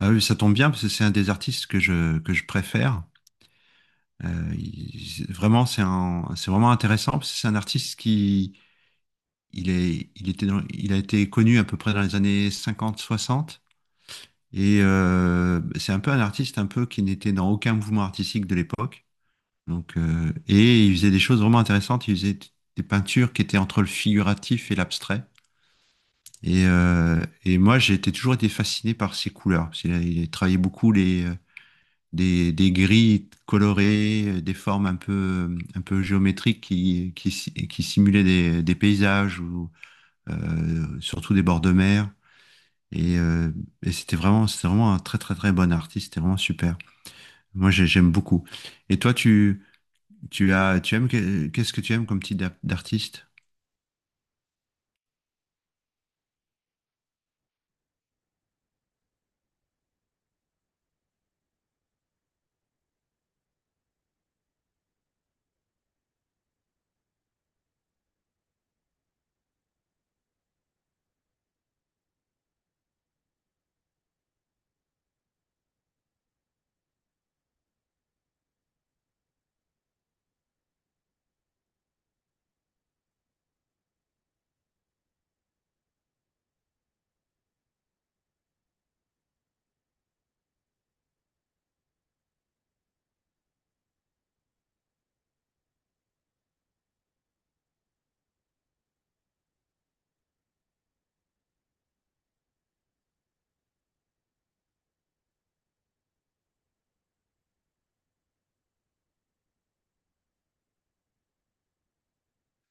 Ah oui, ça tombe bien parce que c'est un des artistes que je préfère. Vraiment, c'est vraiment intéressant parce que c'est un artiste qui il était il a été connu à peu près dans les années cinquante soixante et c'est un peu un artiste un peu qui n'était dans aucun mouvement artistique de l'époque. Et il faisait des choses vraiment intéressantes. Il faisait des peintures qui étaient entre le figuratif et l'abstrait. Et moi, toujours été fasciné par ses couleurs, il a travaillé beaucoup les des grilles colorées, des formes un peu géométriques qui, si- qui simulaient des paysages ou surtout des bords de mer. Et, euh, et c'était vraiment un très très très bon artiste, c'était vraiment super. J'aime beaucoup. Et toi tu aimes, qu'est-ce que tu aimes comme type d'artiste?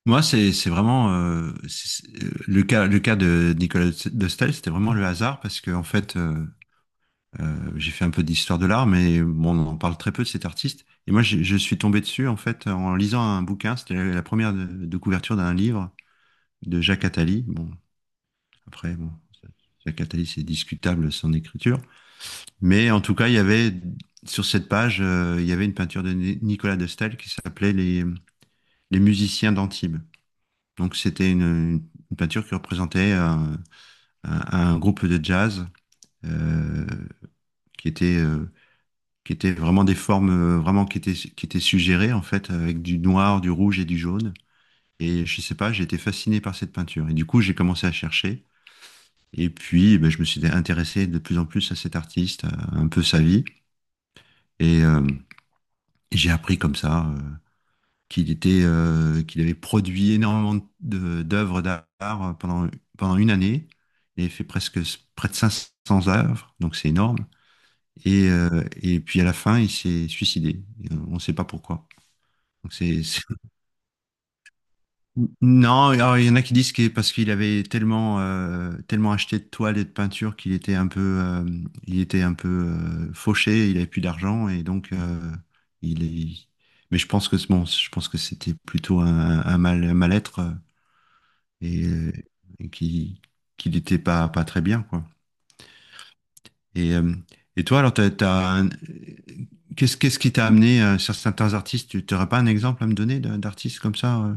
Moi, c'est vraiment le cas de Nicolas de Staël, c'était vraiment le hasard parce que en fait, j'ai fait un peu d'histoire de l'art, mais bon, on en parle très peu de cet artiste. Et moi, je suis tombé dessus en fait en lisant un bouquin. C'était la première de couverture d'un livre de Jacques Attali. Bon, après, bon, Jacques Attali, c'est discutable son écriture, mais en tout cas, il y avait sur cette page, il y avait une peinture de Nicolas de Staël qui s'appelait les musiciens d'Antibes. Donc, c'était une peinture qui représentait un groupe de jazz euh, qui était euh, qui étaient vraiment des formes vraiment qui étaient suggérées en fait avec du noir, du rouge et du jaune. Et je sais pas, j'ai été fasciné par cette peinture. Et du coup, j'ai commencé à chercher. Et puis, ben, je me suis intéressé de plus en plus à cet artiste, à un peu sa vie. Et j'ai appris comme ça qu'il avait produit énormément d'œuvres d'art pendant, pendant une année. Il avait fait presque près de cinq cents œuvres, donc c'est énorme. Et puis à la fin, il s'est suicidé. Et on ne sait pas pourquoi. Donc c'est, c'est- Non, alors, il y en a qui disent que parce qu'il avait tellement, tellement acheté de toiles et de peintures qu'il était un peu, fauché, il avait plus d'argent et donc il est. Mais je pense que bon, je pense que c'était plutôt un mal, un mal-être, et, euh, et qui, qu'il n'était pas, pas très bien quoi. Et, euh, et toi alors t'as qu'est-ce qui t'a amené sur certains artistes? Tu n'aurais pas un exemple à me donner d'artiste comme ça?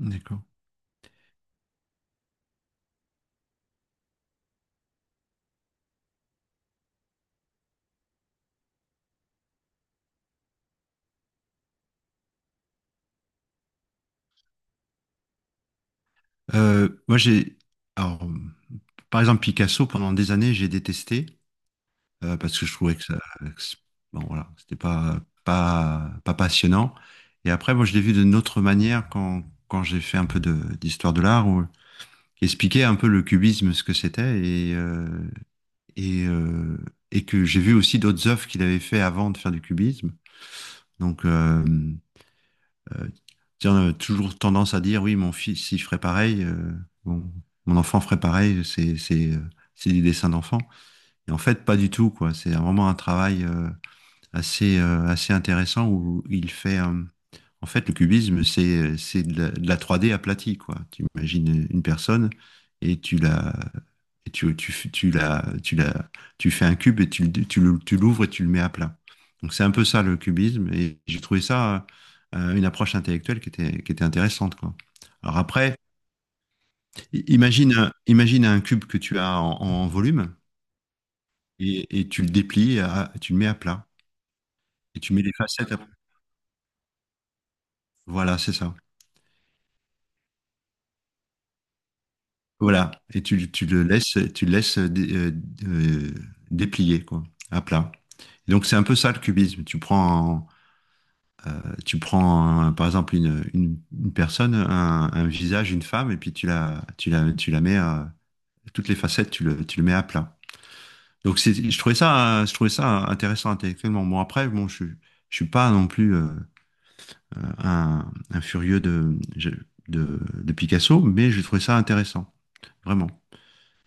D'accord. Moi, j'ai. Alors, par exemple, Picasso, pendant des années, j'ai détesté parce que je trouvais que ça, bon, voilà, c'était pas passionnant. Et après, moi, je l'ai vu d'une autre manière quand j'ai fait un peu d'histoire de l'art, qui expliquait un peu le cubisme, ce que c'était, et, euh, et que j'ai vu aussi d'autres œuvres qu'il avait fait avant de faire du cubisme. Donc, euh, euh, Tiens, toujours tendance à dire, oui, mon fils, il ferait pareil, bon, mon enfant ferait pareil, c'est du dessin d'enfant. Et en fait, pas du tout, quoi. C'est vraiment un travail assez intéressant où il fait, en fait, le cubisme, c'est de de la 3D aplatie, quoi. Tu imagines une personne et tu la, et tu, f- tu, la, tu, la, tu fais un cube et tu l'ouvres et tu le mets à plat. Donc c'est un peu ça le cubisme et j'ai trouvé ça une approche intellectuelle qui était intéressante, quoi. Alors après, imagine un cube que tu as en, en volume et tu le déplies, tu le mets à plat et tu mets les facettes à plat. Voilà, c'est ça. Voilà. Et tu le laisses euh, déplier, quoi, à plat. Donc c'est un peu ça le cubisme. Tu prends, tu prends, par exemple, une personne, un visage, une femme, et puis tu la mets, toutes les facettes, tu le mets à plat. Donc, c'est, je trouvais ça intéressant intellectuellement. Bon, après, bon, je suis pas non plus un, un furieux de Picasso, mais je trouvais ça intéressant, vraiment.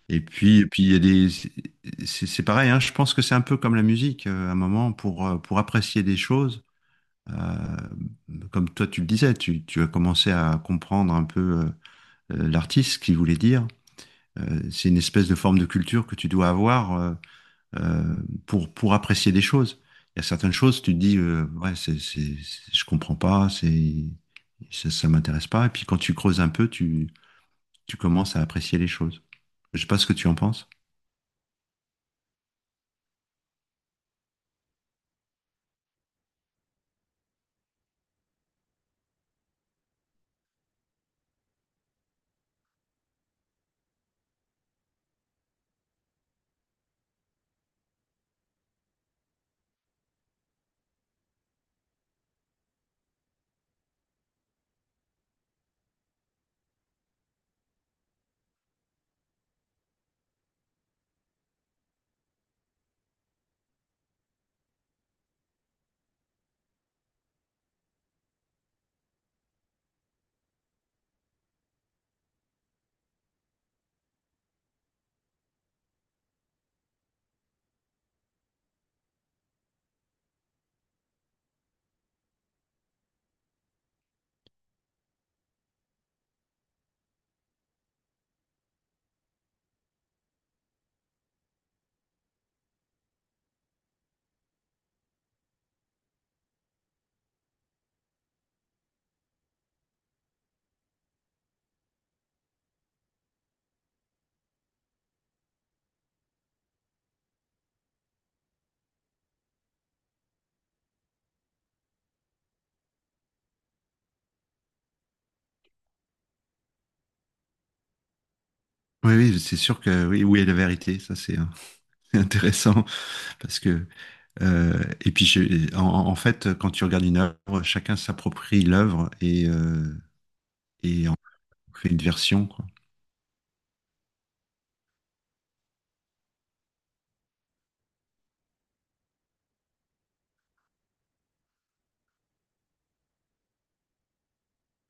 Et puis il y a des, c'est pareil, hein, je pense que c'est un peu comme la musique, à un moment, pour apprécier des choses. Euh, Comme toi, tu le disais, tu as commencé à comprendre un peu l'artiste, ce qu'il voulait dire. C'est une espèce de forme de culture que tu dois avoir, euh, pour apprécier des choses. Il y a certaines choses, tu te dis, ouais, je comprends pas, ça, ça m'intéresse pas. Et puis quand tu creuses un peu, tu commences à apprécier les choses. Je sais pas ce que tu en penses. Oui, oui, c'est sûr que oui, où est la vérité? Ça, c'est intéressant parce que en fait, quand tu regardes une œuvre, chacun s'approprie l'œuvre et en fait une version, quoi,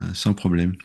hein, sans problème.